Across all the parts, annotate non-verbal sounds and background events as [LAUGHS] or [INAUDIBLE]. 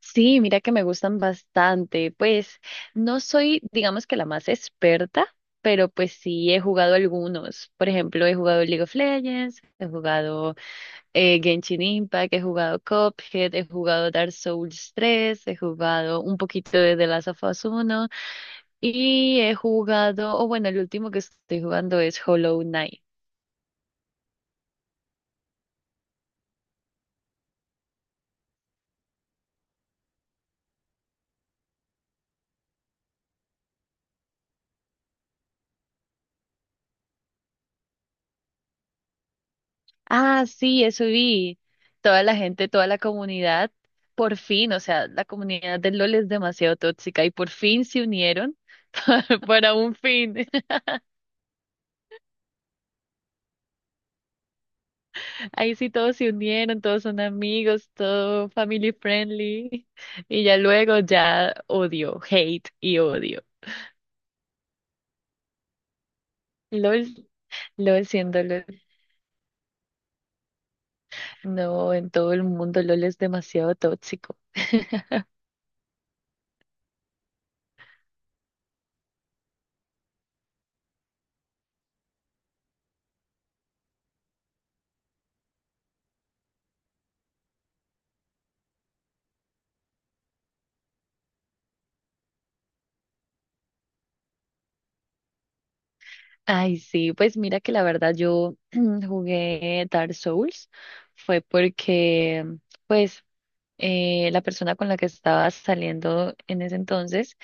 Sí, mira que me gustan bastante. Pues no soy, digamos que la más experta, pero pues sí he jugado algunos. Por ejemplo, he jugado League of Legends, he jugado Genshin Impact, he jugado Cuphead, he jugado Dark Souls 3, he jugado un poquito de The Last of Us uno y he jugado, o bueno, el último que estoy jugando es Hollow Knight. Ah, sí, eso vi. Toda la gente, toda la comunidad, por fin, o sea, la comunidad del LOL es demasiado tóxica y por fin se unieron [LAUGHS] para un fin. [LAUGHS] Ahí sí todos se unieron, todos son amigos, todo family friendly y ya luego ya odio, hate y odio. LOL, LOL siendo LOL. No, en todo el mundo LOL es demasiado tóxico. [LAUGHS] Ay, sí, pues mira que la verdad yo [CLEARS THROAT] jugué Dark Souls fue porque, pues, la persona con la que estaba saliendo en ese entonces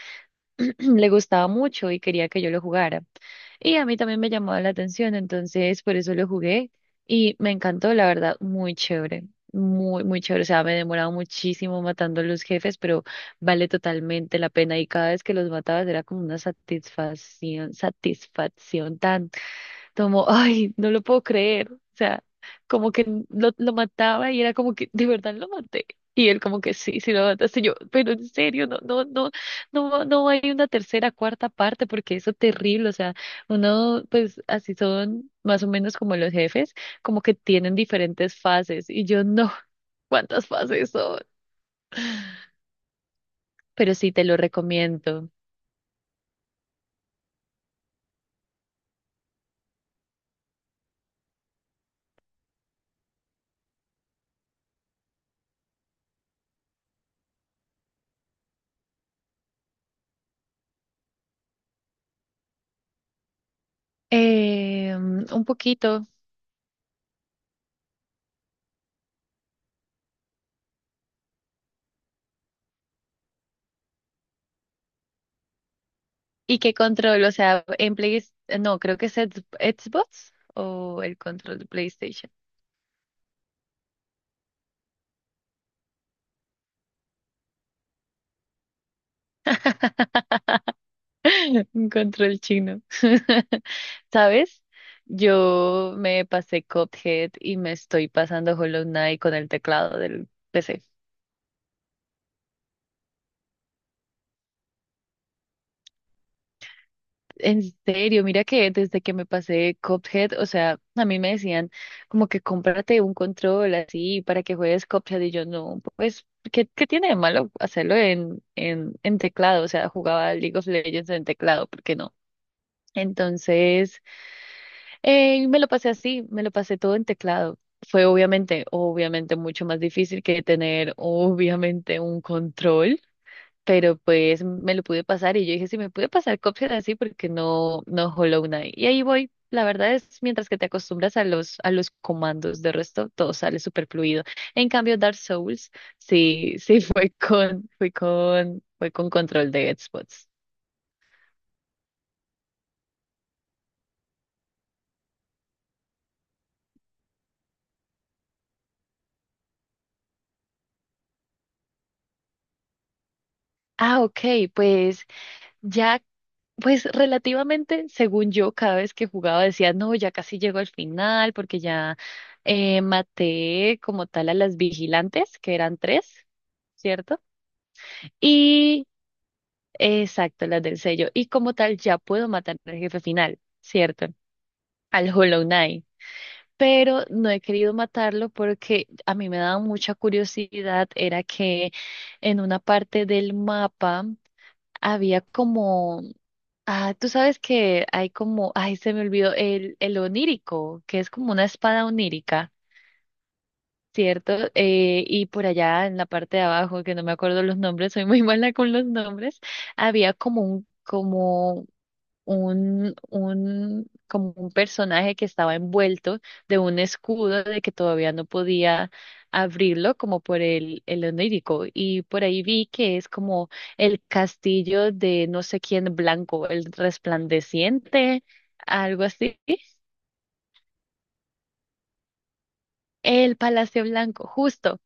[CLEARS THROAT] le gustaba mucho y quería que yo lo jugara. Y a mí también me llamaba la atención, entonces por eso lo jugué y me encantó, la verdad, muy chévere, muy, muy chévere. O sea, me demoraba muchísimo matando los jefes, pero vale totalmente la pena y cada vez que los matabas era como una satisfacción, satisfacción tan como, ay, no lo puedo creer. O sea, como que lo mataba y era como que, de verdad lo maté. Y él como que sí, sí lo mataste. Y yo, pero en serio, no, no, no, no, no hay una tercera, cuarta parte porque eso es terrible. O sea, uno, pues así son más o menos como los jefes, como que tienen diferentes fases. Y yo no, [LAUGHS] ¿cuántas fases son? Pero sí te lo recomiendo. Un poquito. ¿Y qué control? O sea, en Play... No, creo que es Xbox o el control de PlayStation. [LAUGHS] Un control chino. [LAUGHS] ¿Sabes? Yo me pasé Cuphead y me estoy pasando Hollow Knight con el teclado del PC. En serio, mira que desde que me pasé de Cuphead, o sea, a mí me decían como que cómprate un control así para que juegues Cuphead y yo no, pues, ¿qué tiene de malo hacerlo en, en teclado? O sea, jugaba League of Legends en teclado, ¿por qué no? Entonces, me lo pasé así, me lo pasé todo en teclado. Fue obviamente, obviamente mucho más difícil que tener obviamente un control. Pero pues me lo pude pasar y yo dije, si me pude pasar Cuphead así, porque no, no Hollow Knight. Y ahí voy. La verdad es, mientras que te acostumbras a los, comandos, de resto todo sale súper fluido. En cambio, Dark Souls, sí, sí [LAUGHS] fue con, control de spots. Ah, ok, pues ya, pues relativamente, según yo, cada vez que jugaba decía, no, ya casi llego al final, porque ya maté como tal a las vigilantes, que eran tres, ¿cierto? Y exacto, las del sello. Y como tal, ya puedo matar al jefe final, ¿cierto? Al Hollow Knight. Pero no he querido matarlo porque a mí me daba mucha curiosidad. Era que en una parte del mapa había como. Ah, tú sabes que hay como. Ay, se me olvidó. El onírico, que es como una espada onírica. Cierto, y por allá en la parte de abajo, que no me acuerdo los nombres, soy muy [LAUGHS] mala con los nombres, había como un, como un personaje que estaba envuelto de un escudo de que todavía no podía abrirlo, como por el onírico. Y por ahí vi que es como el castillo de no sé quién blanco, el resplandeciente, algo así. El Palacio Blanco, justo.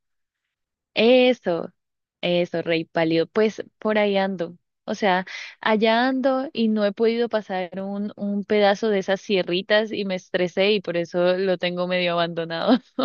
Eso, eso, Rey Pálido. Pues por ahí ando. O sea, allá ando y no he podido pasar un pedazo de esas sierritas y me estresé y por eso lo tengo medio abandonado. [LAUGHS]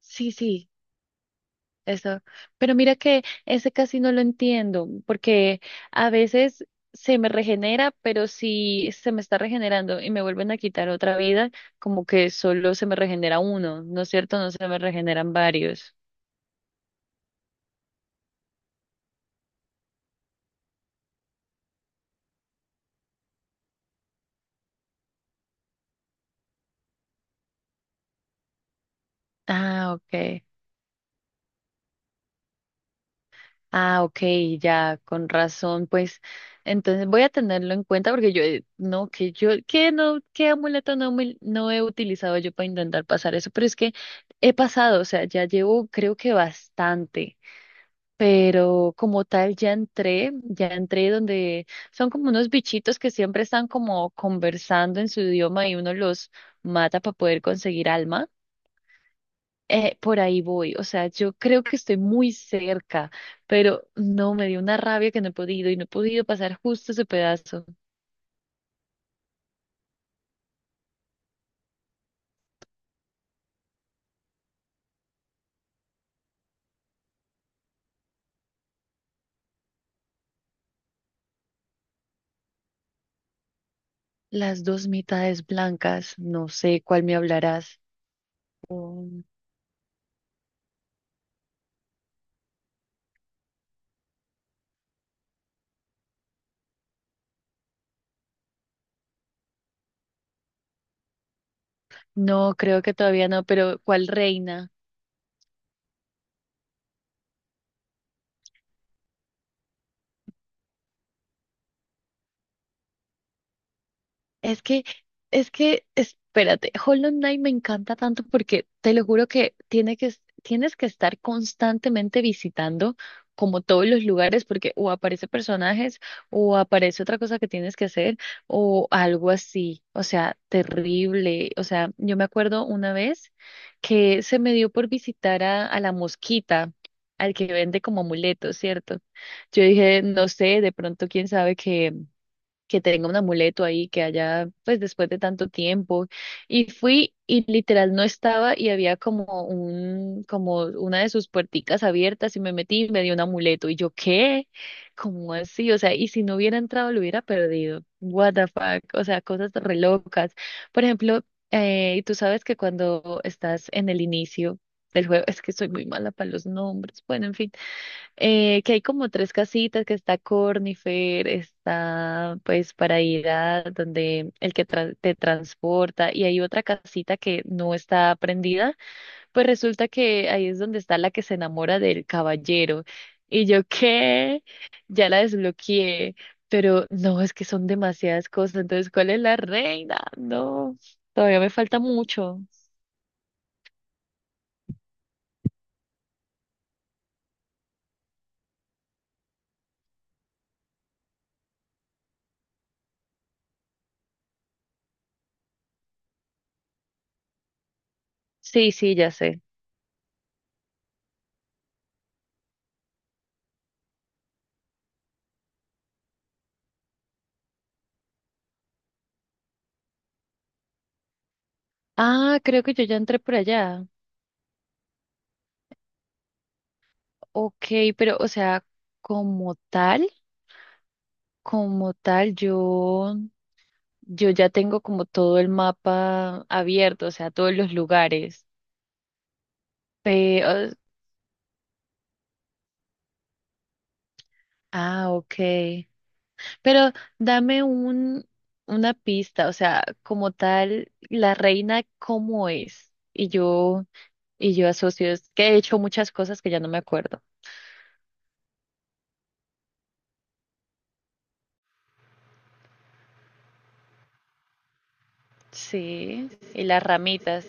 Sí, sí, eso. Pero mira que ese casi no lo entiendo porque a veces se me regenera, pero si se me está regenerando y me vuelven a quitar otra vida, como que solo se me regenera uno, ¿no es cierto? No se me regeneran varios. Ah, ok. Ah, ok, ya, con razón, pues entonces voy a tenerlo en cuenta porque yo, no, que yo, que no, qué amuleto no, no he utilizado yo para intentar pasar eso, pero es que he pasado, o sea, ya llevo creo que bastante, pero como tal ya entré, donde son como unos bichitos que siempre están como conversando en su idioma y uno los mata para poder conseguir alma. Por ahí voy, o sea, yo creo que estoy muy cerca, pero no, me dio una rabia que no he podido y no he podido pasar justo ese pedazo. Las dos mitades blancas, no sé cuál me hablarás. Mm, No, creo que todavía no, pero ¿cuál reina? Es que, es que, espérate, Hollow Knight me encanta tanto porque te lo juro que, tienes que estar constantemente visitando como todos los lugares porque o aparece personajes o aparece otra cosa que tienes que hacer o algo así. O sea, terrible. O sea, yo me acuerdo una vez que se me dio por visitar a, la mosquita, al que vende como amuletos, ¿cierto? Yo dije, no sé, de pronto quién sabe que tenga un amuleto ahí, que haya, pues después de tanto tiempo. Y fui y literal no estaba y había como un, como una de sus puerticas abiertas y me metí y me dio un amuleto. Y yo, ¿qué? ¿Cómo así? O sea, y si no hubiera entrado lo hubiera perdido. What the fuck? O sea, cosas re locas. Por ejemplo, tú sabes que cuando estás en el inicio del juego, es que soy muy mala para los nombres. Bueno, en fin que hay como tres casitas, que está Cornifer, está pues para ir a donde el que te transporta y hay otra casita que no está prendida, pues resulta que ahí es donde está la que se enamora del caballero. Y yo qué, ya la desbloqueé, pero no, es que son demasiadas cosas, entonces ¿cuál es la reina? No, todavía me falta mucho. Sí, sí, ya sé. Ah, creo que yo ya entré por allá. Ok, pero o sea, como tal, como tal, yo, yo ya tengo como todo el mapa abierto, o sea, todos los lugares. Pero, ah, ok. Pero dame una pista, o sea, como tal, la reina, ¿cómo es? Y yo asocio, es que he hecho muchas cosas que ya no me acuerdo. Sí, y las ramitas,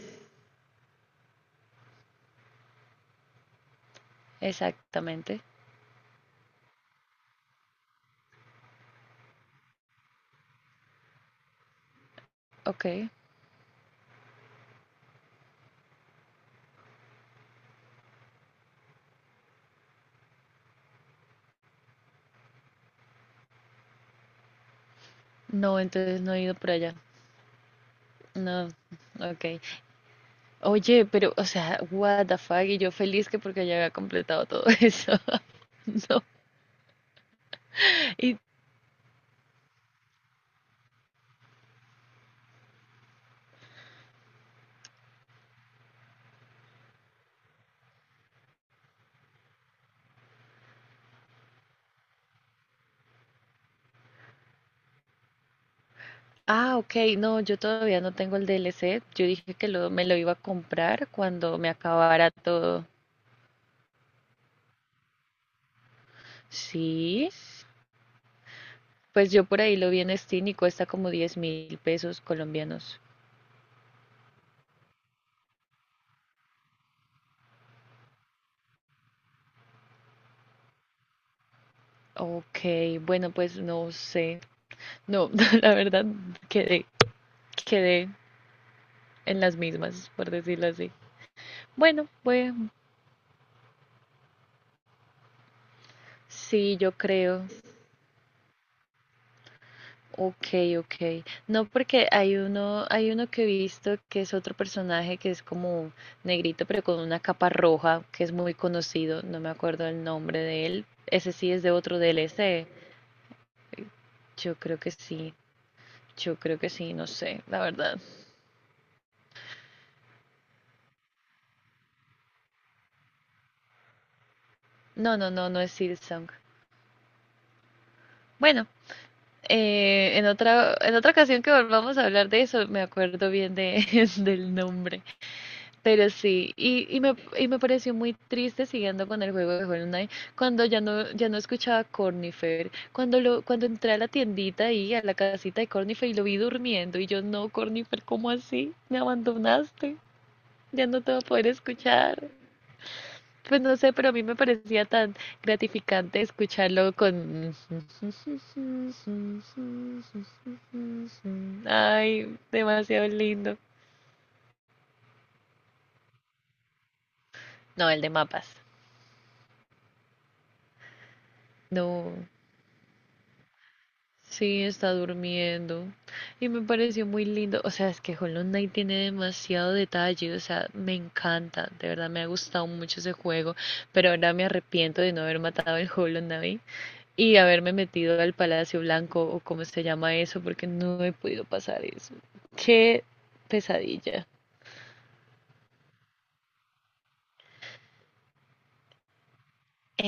exactamente. Ok. No, entonces no he ido por allá. No, ok. Oye, pero, o sea, what the fuck, y yo feliz que porque ya había completado todo [LAUGHS] eso. No. Y, ah, ok, no, yo todavía no tengo el DLC. Yo dije que lo, me lo iba a comprar cuando me acabara todo. Sí, pues yo por ahí lo vi en Steam y cuesta como 10.000 pesos colombianos. Ok, bueno, pues no sé. No, [LAUGHS] la verdad, quedé, quedé en las mismas, por decirlo así. Bueno, bueno, sí, yo creo. Ok, ok. No, porque hay uno que he visto que es otro personaje que es como negrito, pero con una capa roja, que es muy conocido. No me acuerdo el nombre de él. Ese sí es de otro DLC. Yo creo que sí. Yo creo que sí, no sé, la verdad. No, no, no, no es Silksong. Bueno, en otra, ocasión que volvamos a hablar de eso, me acuerdo bien de, [LAUGHS] del nombre. Pero sí, y me pareció muy triste siguiendo con el juego de Hollow Knight, cuando ya no, escuchaba a Cornifer, cuando cuando entré a la tiendita ahí, a la casita de Cornifer y lo vi durmiendo, y yo no, Cornifer, ¿cómo así? Me abandonaste, ya no te voy a poder escuchar. Pues no sé, pero a mí me parecía tan gratificante escucharlo con... [LAUGHS] Ay, demasiado lindo. No, el de mapas. No, sí, está durmiendo. Y me pareció muy lindo. O sea, es que Hollow Knight tiene demasiado detalle. O sea, me encanta. De verdad me ha gustado mucho ese juego. Pero ahora me arrepiento de no haber matado el Hollow Knight y haberme metido al Palacio Blanco o como se llama eso, porque no he podido pasar eso. Qué pesadilla.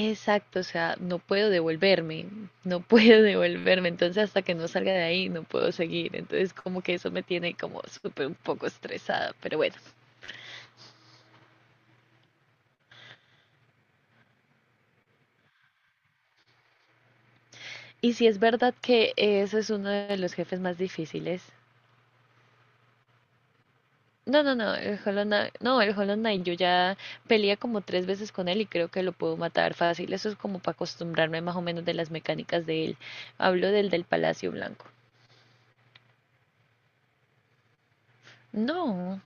Exacto, o sea, no puedo devolverme, no puedo [LAUGHS] devolverme, entonces hasta que no salga de ahí no puedo seguir, entonces como que eso me tiene como súper un poco estresada, pero bueno. Y si es verdad que eso es uno de los jefes más difíciles. No, no, no, el Hollow Knight, no, el Hollow Knight, yo ya peleé como tres veces con él y creo que lo puedo matar fácil, eso es como para acostumbrarme más o menos de las mecánicas de él. Hablo del Palacio Blanco. No.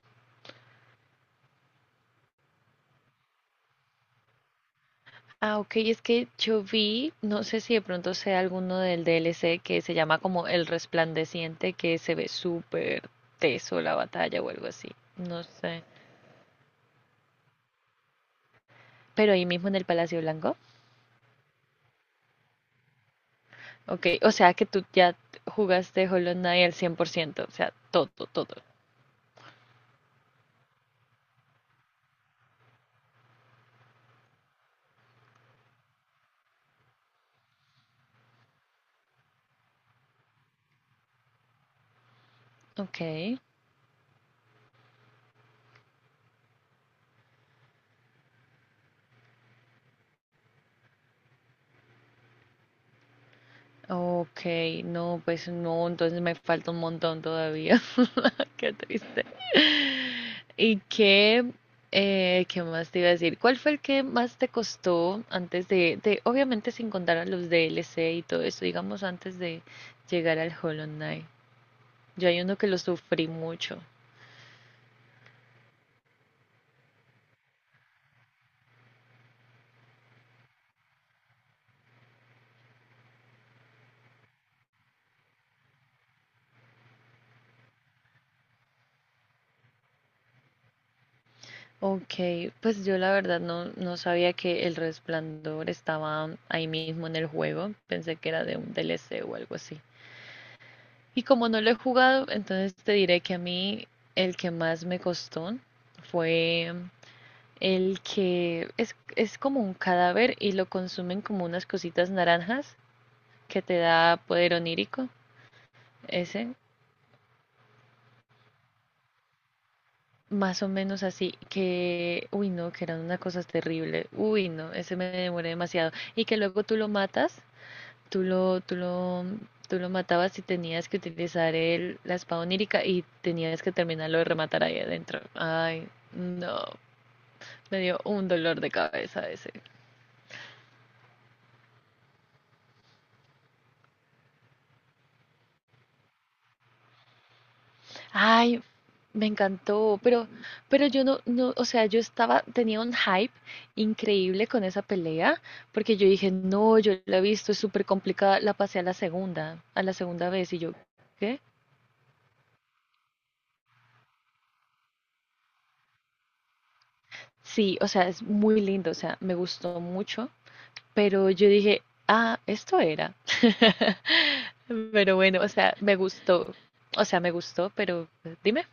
Ah, ok, es que yo vi, no sé si de pronto sea alguno del DLC que se llama como El Resplandeciente, que se ve súper teso la batalla o algo así, no sé. Pero ahí mismo en el Palacio Blanco. Ok, o sea que tú ya jugaste Hollow Knight al 100%, o sea, todo, todo. Ok. Ok, no, pues no, entonces me falta un montón todavía. [LAUGHS] Qué triste. ¿Y qué, Qué más te iba a decir? ¿Cuál fue el que más te costó antes de, obviamente sin contar a los DLC y todo eso, digamos antes de llegar al Hollow Knight? Yo hay uno que lo sufrí mucho. Ok, pues yo la verdad no, no sabía que el Resplandor estaba ahí mismo en el juego. Pensé que era de un DLC o algo así. Y como no lo he jugado, entonces te diré que a mí el que más me costó fue el que es como un cadáver y lo consumen como unas cositas naranjas que te da poder onírico. Ese, más o menos así, que, uy, no, que eran una cosa terrible. Uy, no, ese me demoré demasiado. Y que luego tú lo matas. Tú lo, tú lo, Tú lo matabas y tenías que utilizar la espada onírica y tenías que terminarlo de rematar ahí adentro. Ay, no. Me dio un dolor de cabeza ese. Ay, me encantó, pero yo no, no, o sea, yo estaba, tenía un hype increíble con esa pelea, porque yo dije, no, yo la he visto, es súper complicada, la pasé a la segunda vez, y yo, ¿qué? Sí, o sea, es muy lindo, o sea, me gustó mucho. Pero yo dije, ah, esto era. [LAUGHS] Pero bueno, o sea, me gustó. O sea, me gustó, pero dime.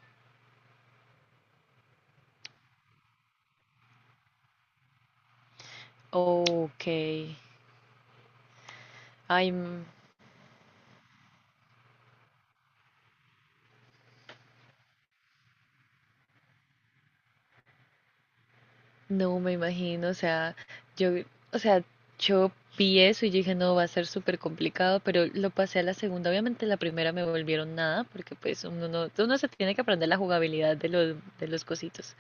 Ok. Ay, no me imagino. Yo, o sea, yo vi eso y yo dije, no, va a ser súper complicado, pero lo pasé a la segunda. Obviamente la primera me volvieron nada, porque pues uno no, uno se tiene que aprender la jugabilidad de los, cositos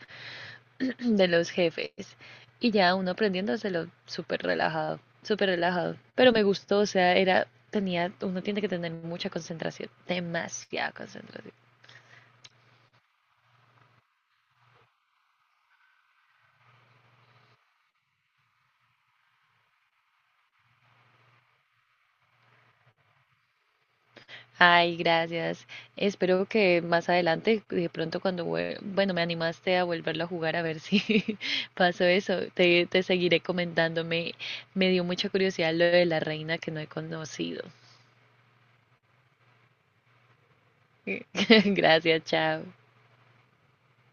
de los jefes. Y ya uno aprendiéndoselo súper relajado, súper relajado. Pero me gustó, o sea, era, tenía, uno tiene que tener mucha concentración, demasiada concentración. Ay, gracias. Espero que más adelante, de pronto cuando, bueno, me animaste a volverlo a jugar a ver si [LAUGHS] pasó eso. Te seguiré comentando. Me dio mucha curiosidad lo de la reina que no he conocido. [LAUGHS] Gracias, chao.